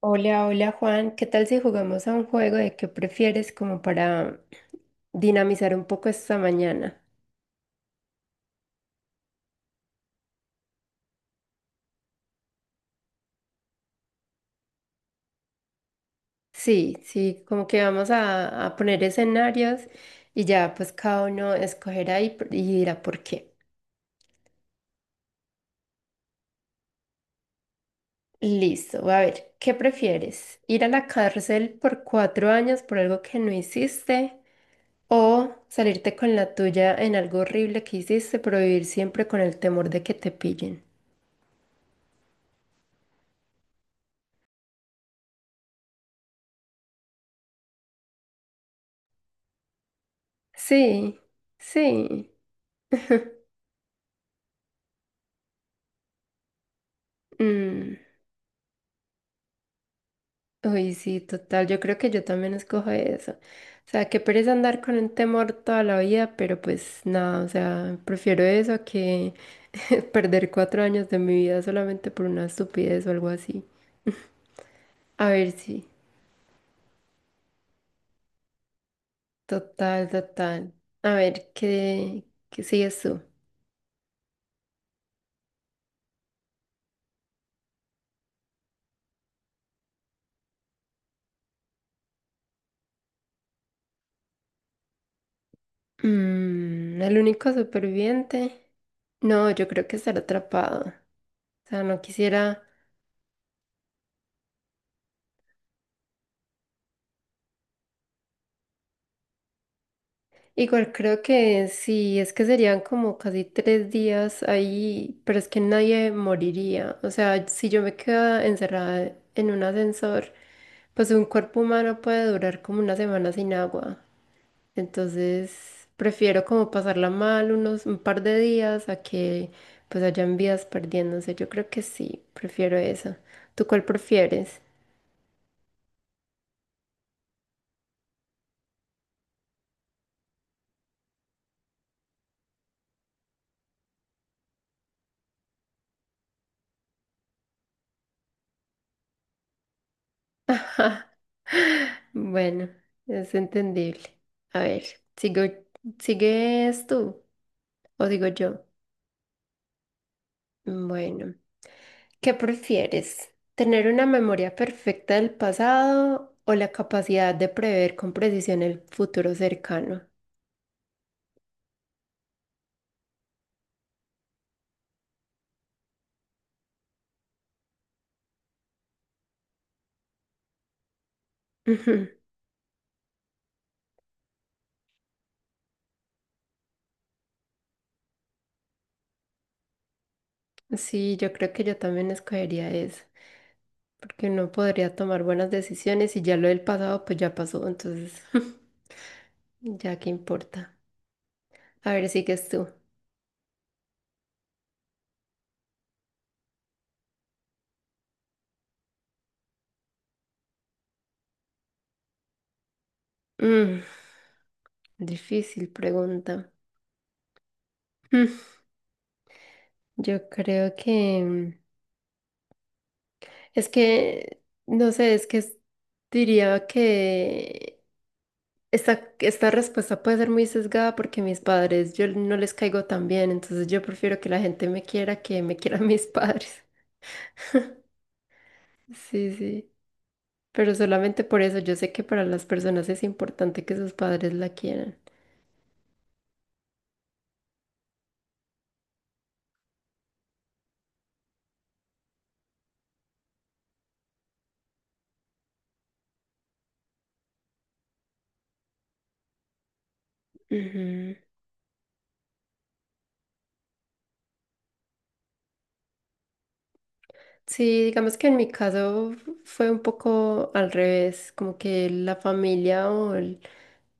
Hola, hola Juan, ¿qué tal si jugamos a un juego de qué prefieres como para dinamizar un poco esta mañana? Sí, sí, como que vamos a poner escenarios y ya pues cada uno escogerá y dirá por qué. Listo, a ver, ¿qué prefieres? ¿Ir a la cárcel por cuatro años por algo que no hiciste o salirte con la tuya en algo horrible que hiciste pero vivir siempre con el temor de que te pillen? Sí, sí. Mm. Uy, sí, total. Yo creo que yo también escojo eso. O sea, que pereza andar con un temor toda la vida, pero pues nada, o sea, prefiero eso a que perder cuatro años de mi vida solamente por una estupidez o algo así. A ver, sí, total, total. A ver, ¿ qué sigues tú? Mm, el único superviviente. No, yo creo que estar atrapado. O sea, no quisiera. Igual creo que sí, es que serían como casi tres días ahí, pero es que nadie moriría. O sea, si yo me quedo encerrada en un ascensor, pues un cuerpo humano puede durar como una semana sin agua. Entonces, prefiero como pasarla mal unos un par de días a que pues hayan vidas perdiéndose. Yo creo que sí, prefiero eso. ¿Tú cuál prefieres? Bueno, es entendible. A ver, sigo, ¿sigues tú o digo yo? Bueno, ¿qué prefieres? ¿Tener una memoria perfecta del pasado o la capacidad de prever con precisión el futuro cercano? Ujú. Sí, yo creo que yo también escogería eso, porque uno podría tomar buenas decisiones y ya lo del pasado pues ya pasó, entonces ya qué importa. A ver, sigues tú. Mm, difícil pregunta. Mm, yo creo que es que, no sé, diría que esta respuesta puede ser muy sesgada porque mis padres, yo no les caigo tan bien, entonces yo prefiero que la gente me quiera que me quieran mis padres. Sí, sí, pero solamente por eso yo sé que para las personas es importante que sus padres la quieran. Ujú. Sí, digamos que en mi caso fue un poco al revés, como que la familia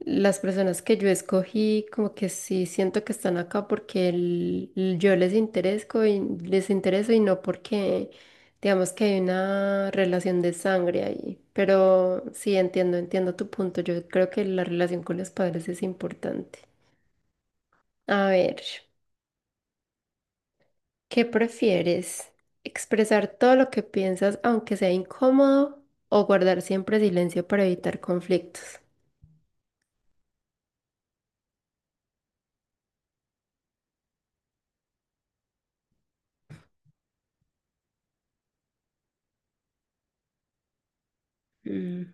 las personas que yo escogí, como que sí siento que están acá porque yo les interesco y les intereso y no porque digamos que hay una relación de sangre ahí. Pero sí entiendo, entiendo tu punto. Yo creo que la relación con los padres es importante. A ver. ¿Qué prefieres? ¿Expresar todo lo que piensas aunque sea incómodo o guardar siempre silencio para evitar conflictos? Mm.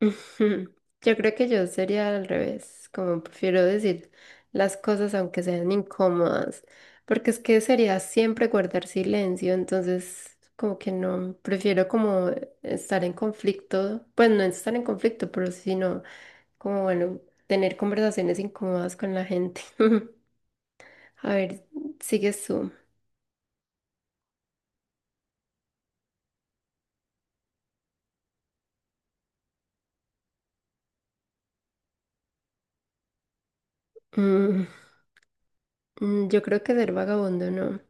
Ujú. Yo creo que yo sería al revés, como prefiero decir las cosas aunque sean incómodas, porque es que sería siempre guardar silencio, entonces como que no, prefiero como estar en conflicto, pues no estar en conflicto, pero sí, sino como bueno, tener conversaciones incómodas con la gente. A ver, sigues tú. Mm, yo creo que ser vagabundo no.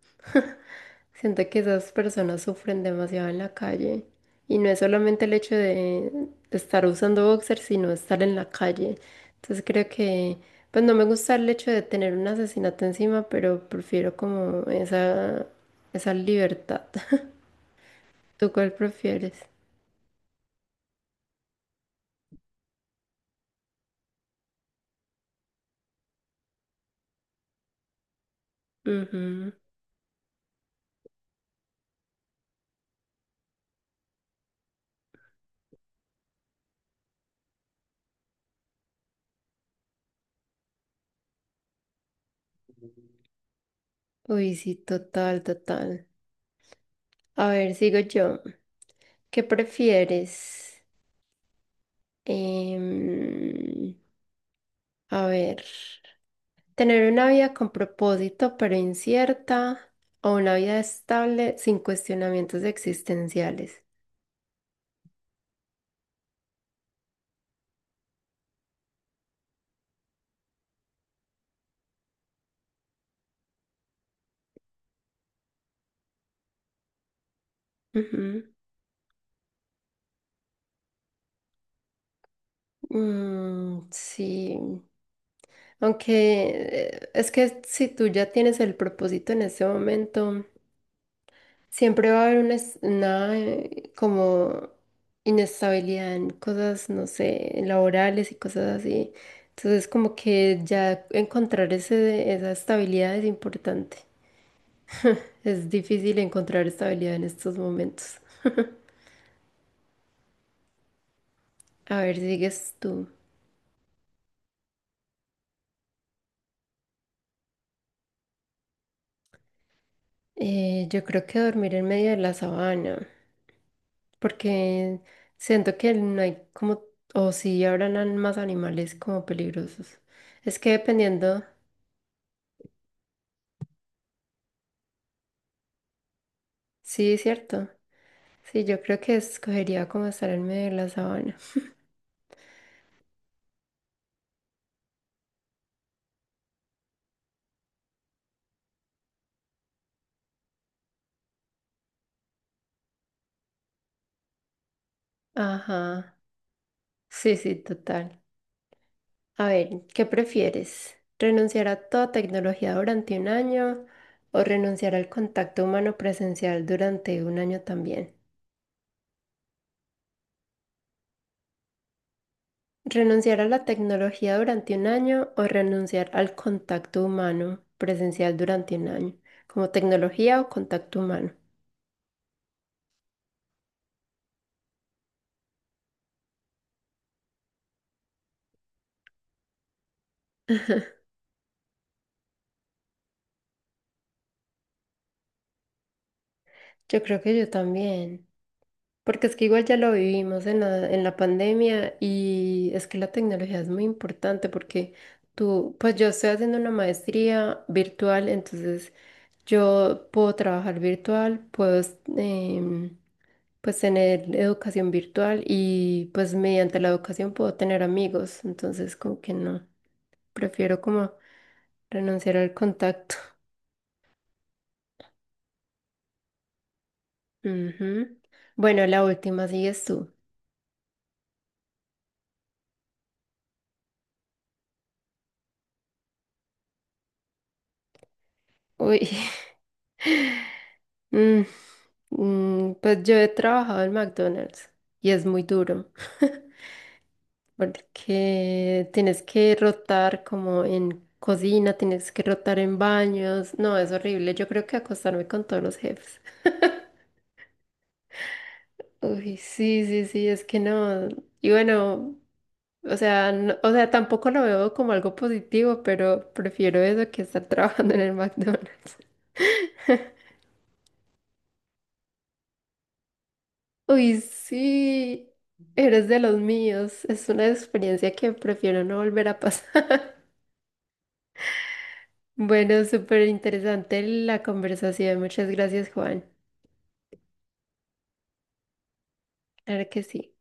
Siento que esas personas sufren demasiado en la calle. Y no es solamente el hecho de estar usando boxer, sino estar en la calle. Entonces creo que, pues no me gusta el hecho de tener un asesinato encima, pero prefiero como esa libertad. ¿Tú cuál prefieres? Ujú. Uy, sí, total, total. A ver, sigo yo. ¿Qué prefieres? Em, a ver, tener una vida con propósito pero incierta o una vida estable sin cuestionamientos existenciales. Ujú. Mm, sí, aunque es que si tú ya tienes el propósito en ese momento, siempre va a haber una como inestabilidad en cosas, no sé, laborales y cosas así. Entonces, como que ya encontrar esa estabilidad es importante. Es difícil encontrar estabilidad en estos momentos. A ver, sigues tú. Yo creo que dormir en medio de la sabana, porque siento que no hay como, o sí, habrán más animales como peligrosos. Es que dependiendo, sí, es cierto. Sí, yo creo que escogería como estar en medio de la sabana. Ajá. Sí, sí, total. A ver, ¿qué prefieres? ¿Renunciar a toda tecnología durante un año o renunciar al contacto humano presencial durante un año también? ¿Renunciar a la tecnología durante un año o renunciar al contacto humano presencial durante un año? Como tecnología o contacto humano. Yo creo que yo también. Porque es que igual ya lo vivimos en la pandemia y es que la tecnología es muy importante porque tú, pues yo estoy haciendo una maestría virtual, entonces yo puedo trabajar virtual, puedo em, pues tener educación virtual y pues mediante la educación puedo tener amigos, entonces como que no, prefiero como renunciar al contacto. Ujú. Bueno, la última sigues tú. Uy. Mm, pues yo he trabajado en McDonald's y es muy duro porque tienes que rotar como en cocina, tienes que rotar en baños. No, es horrible. Yo creo que acostarme con todos los jefes. Uy, sí, sí, sí, es que no. Y bueno, o sea, o sea, tampoco lo veo como algo positivo, pero prefiero eso que estar trabajando en el McDonald's. Uy, sí, eres de los míos. Es una experiencia que prefiero no volver a pasar. Bueno, súper interesante la conversación. Muchas gracias, Juan. Claro que sí.